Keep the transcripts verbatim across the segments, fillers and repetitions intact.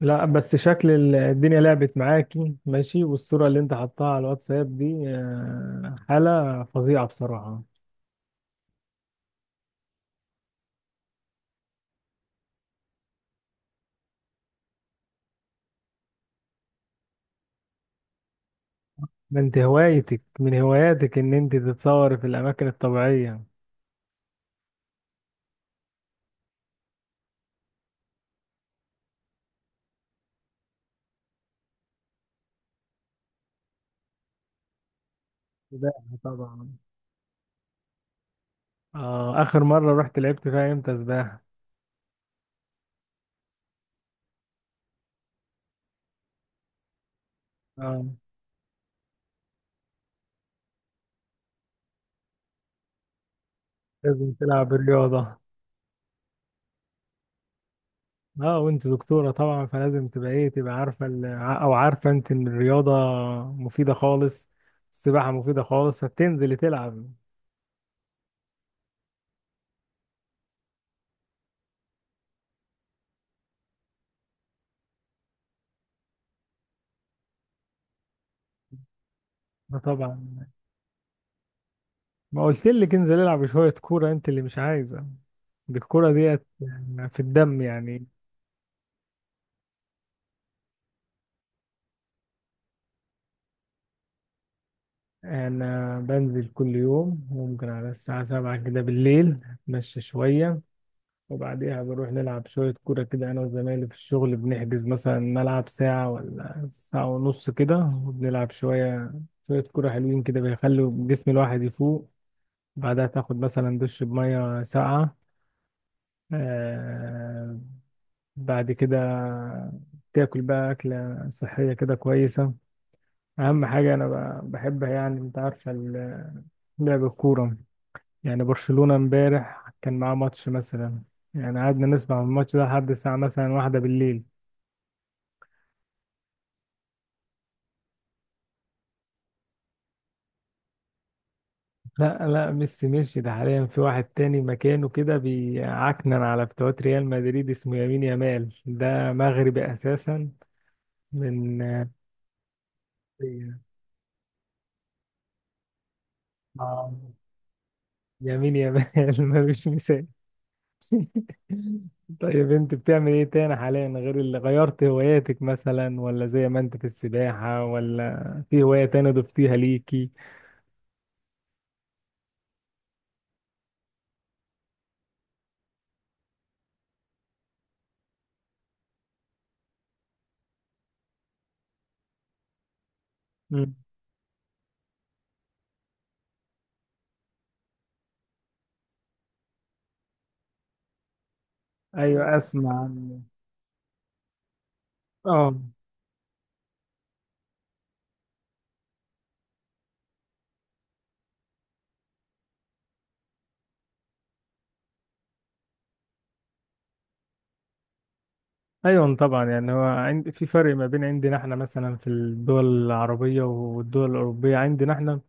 لا بس شكل ال- الدنيا لعبت معاكي، ماشي. والصورة اللي انت حطها على الواتساب دي آه، حالة فظيعة بصراحة. ده انت هوايتك من هواياتك ان انت تتصوري في الاماكن الطبيعية؟ سباحة طبعا. آه اخر مرة رحت لعبت فيها امتى سباحة؟ اه، لازم تلعب الرياضة. اه وانت دكتورة طبعا، فلازم تبقى ايه، تبقى عارفة ال- ع- او عارفة انت ان الرياضة مفيدة خالص. السباحة مفيدة خالص، هتنزلي تلعب. اه طبعا. ما قلت لك انزل العب شوية كورة، انت اللي مش عايزة. دي الكورة ديت في الدم يعني. انا بنزل كل يوم، ممكن على الساعة سبعة كده بالليل اتمشى شوية، وبعديها بروح نلعب شوية كورة كده انا وزمايلي في الشغل. بنحجز مثلا ملعب ساعة ولا ساعة ونص كده وبنلعب شوية. شوية كورة حلوين كده بيخلوا جسم الواحد يفوق. بعدها تاخد مثلا دش بمية ساقعة، آه، بعد كده تاكل بقى أكلة صحية كده كويسة. أهم حاجة أنا ب- بحبها، يعني أنت عارفة ال- لعب الكورة. يعني برشلونة امبارح كان معاه ماتش مثلا، يعني قعدنا نسمع الماتش ده لحد الساعة مثلا واحدة بالليل. لا، لا، ميسي مشي. ده حاليا في واحد تاني مكانه كده بيعكنن على بتوع ريال مدريد، اسمه يمين يامال، ده مغربي أساسا من آه، يمين يامال. ملوش مثال. طيب انت بتعمل ايه تاني حاليا، غير اللي غيرت هواياتك مثلا؟ ولا زي ما انت في السباحة؟ ولا في هواية تانية ضفتيها ليكي؟ مم. ايوه، اسمع عن. اه. ايوه طبعا، يعني هو عند في فرق ما بين عندنا احنا مثلا في الدول العربية والدول الأوروبية. عندنا احنا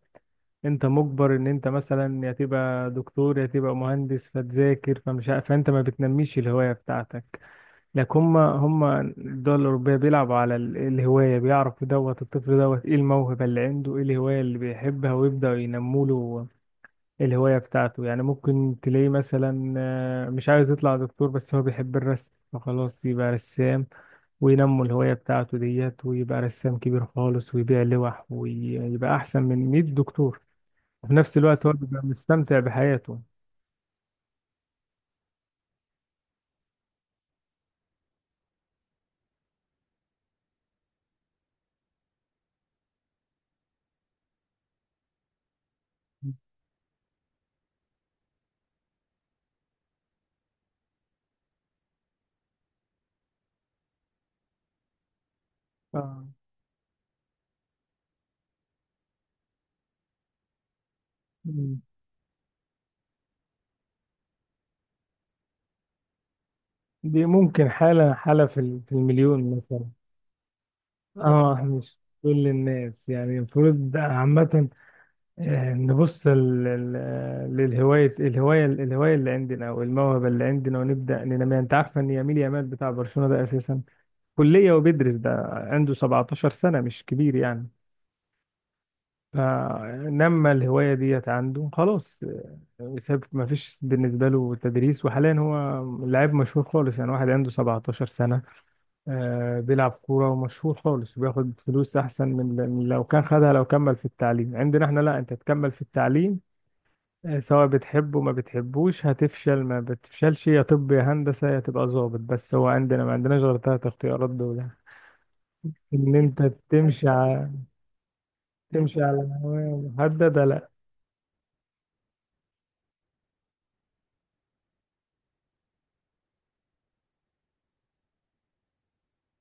انت مجبر ان انت مثلا يا تبقى دكتور يا تبقى مهندس فتذاكر، فمش ع- فانت ما بتنميش الهواية بتاعتك. لك هم هم الدول الأوروبية بيلعبوا على ال- الهواية، بيعرفوا دوت الطفل، دوت ايه الموهبة اللي عنده، ايه الهواية اللي بيحبها، ويبدأوا ينموا له الهواية بتاعته. يعني ممكن تلاقيه مثلا آه، مش عايز يطلع دكتور، بس هو بيحب الرسم، فخلاص يبقى رسام، وينموا الهواية بتاعته ديت ويبقى رسام كبير خالص ويبيع لوح ويبقى أحسن من مية دكتور. وفي نفس الوقت هو بيبقى مستمتع بحياته. آه. دي ممكن حالة حالة في ال- في المليون مثلا. اه مش كل الناس يعني، المفروض عامة آه، نبص ال- ال- آه، للهواية، الهواية الهواية اللي عندنا أو الموهبة اللي عندنا، ونبدأ ننميها. أنت عارف إن يميل يامال بتاع برشلونة ده أساسا كلية وبيدرس، ده عنده سبعتاشر سنة، مش كبير يعني. فنما الهواية ديت عنده خلاص. آه، ساب، ما فيش بالنسبة له تدريس، وحاليا هو لاعب مشهور خالص يعني. واحد عنده سبعتاشر سنة آه، بيلعب كورة ومشهور خالص وبياخد فلوس أحسن من من لو كان خدها لو كمل في التعليم. عندنا احنا لا، أنت تكمل في التعليم آه، سواء بتحبه ما بتحبوش، هتفشل ما بتفشلش، يا طب يا هندسة يا تبقى ظابط، بس هو عندنا ما عندناش غير تلات اختيارات دول يعني. إن أنت تمشي على تمشي على نوايا محددة، لا.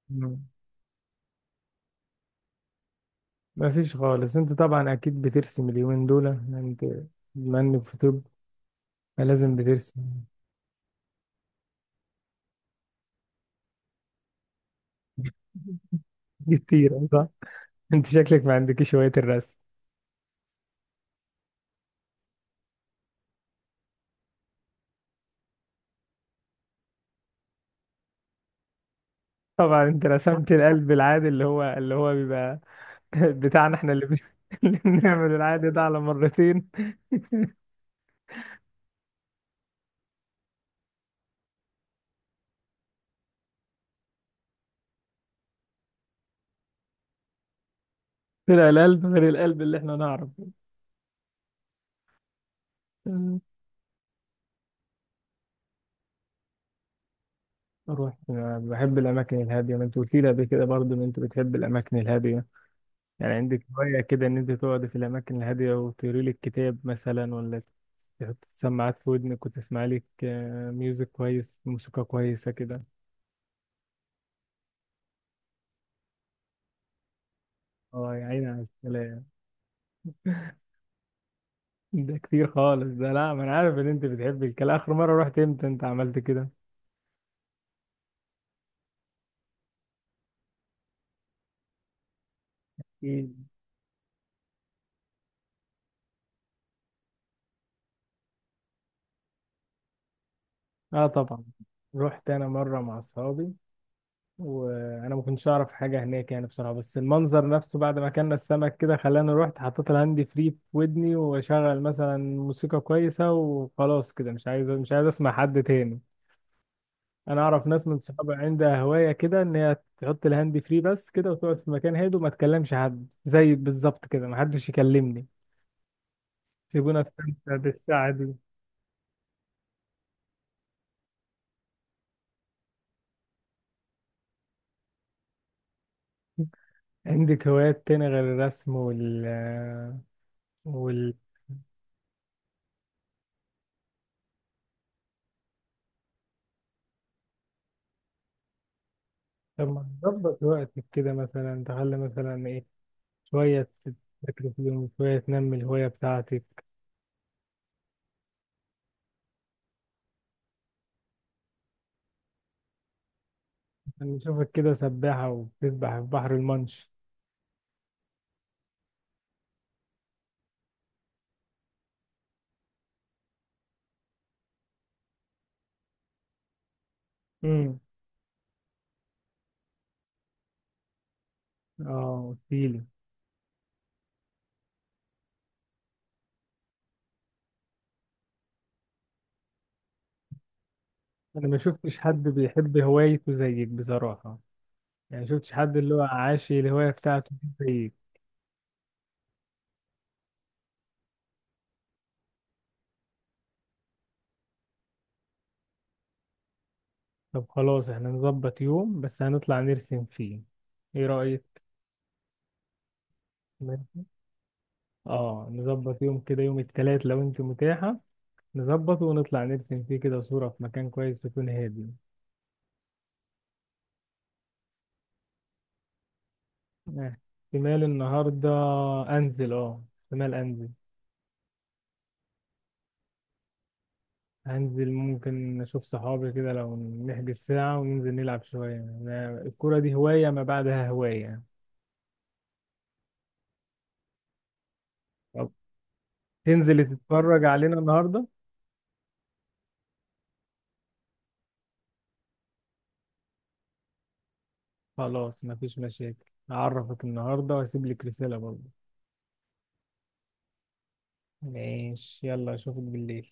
مم. مفيش خالص. أنت طبعا أكيد بترسم اليومين دول، أنت بما إنك في طب لازم بترسم. كتير صح؟ أنت شكلك ما عندكش هواية الرسم. طبعا انت رسمت القلب العادي، اللي هو اللي هو بيبقى بتاعنا احنا، اللي, بن... اللي بنعمل العادي ده على مرتين. طلع القلب غير القلب اللي احنا نعرف. اروح. أنا بحب الاماكن الهاديه، ما انت قلت لي قبل كده برضو ان انت بتحب الاماكن الهاديه. يعني عندك هوايه كده ان انت تقعد في الاماكن الهاديه وتقري لك كتاب مثلا، ولا تحط سماعات في ودنك وتسمع لك آه، ميوزك كويس، موسيقى كويسه كده. اه يا عيني على الكلام، ده كتير خالص ده. لا، ما انا عارف ان انت بتحب الكلام. اخر مره رحت امتى انت عملت كده؟ مم. اه طبعا. رحت انا مره مع اصحابي، وانا ما كنتش اعرف حاجه هناك يعني بصراحه، بس المنظر نفسه بعد ما اكلنا السمك كده خلاني رحت حطيت الهاند فري في ودني واشغل مثلا موسيقى كويسه، وخلاص كده مش عايز مش عايز اسمع حد تاني. انا اعرف ناس من صحابي عندها هوايه كده ان هي تحط الهاند فري بس كده، وتقعد في مكان هادي وما تكلمش حد، زي بالظبط كده، ما حدش يكلمني. سيبونا استمتع بالساعة دي. عندك هوايات تاني غير الرسم؟ وال وال طب ما تظبط وقتك كده مثلا، تخلي مثلا ايه، شوية تذاكر فيهم وشوية تنمي الهواية بتاعتك. أنا بشوفك كده سباحة، وبتسبح في بحر المنش. امم اه قلتيلي. أنا ما شفتش حد بيحب هوايته زيك بصراحة، يعني ما شفتش حد اللي هو عاشي الهواية بتاعته دي زيك. طب خلاص، احنا نظبط يوم بس هنطلع نرسم فيه. ايه رأيك؟ اه، نظبط يوم كده، يوم التلات لو انت متاحة، نظبط ونطلع نرسم فيه كده صورة في مكان كويس يكون هادي. آه، احتمال النهاردة انزل. اه احتمال انزل. هنزل، ممكن اشوف صحابي كده، لو نحجز ساعة وننزل نلعب شوية. أنا الكرة دي هواية ما بعدها هواية. طب تنزلي تتفرج علينا النهاردة؟ خلاص مفيش مشاكل، هعرفك النهاردة وهسيب لك رسالة برضه. ماشي، يلا اشوفك بالليل.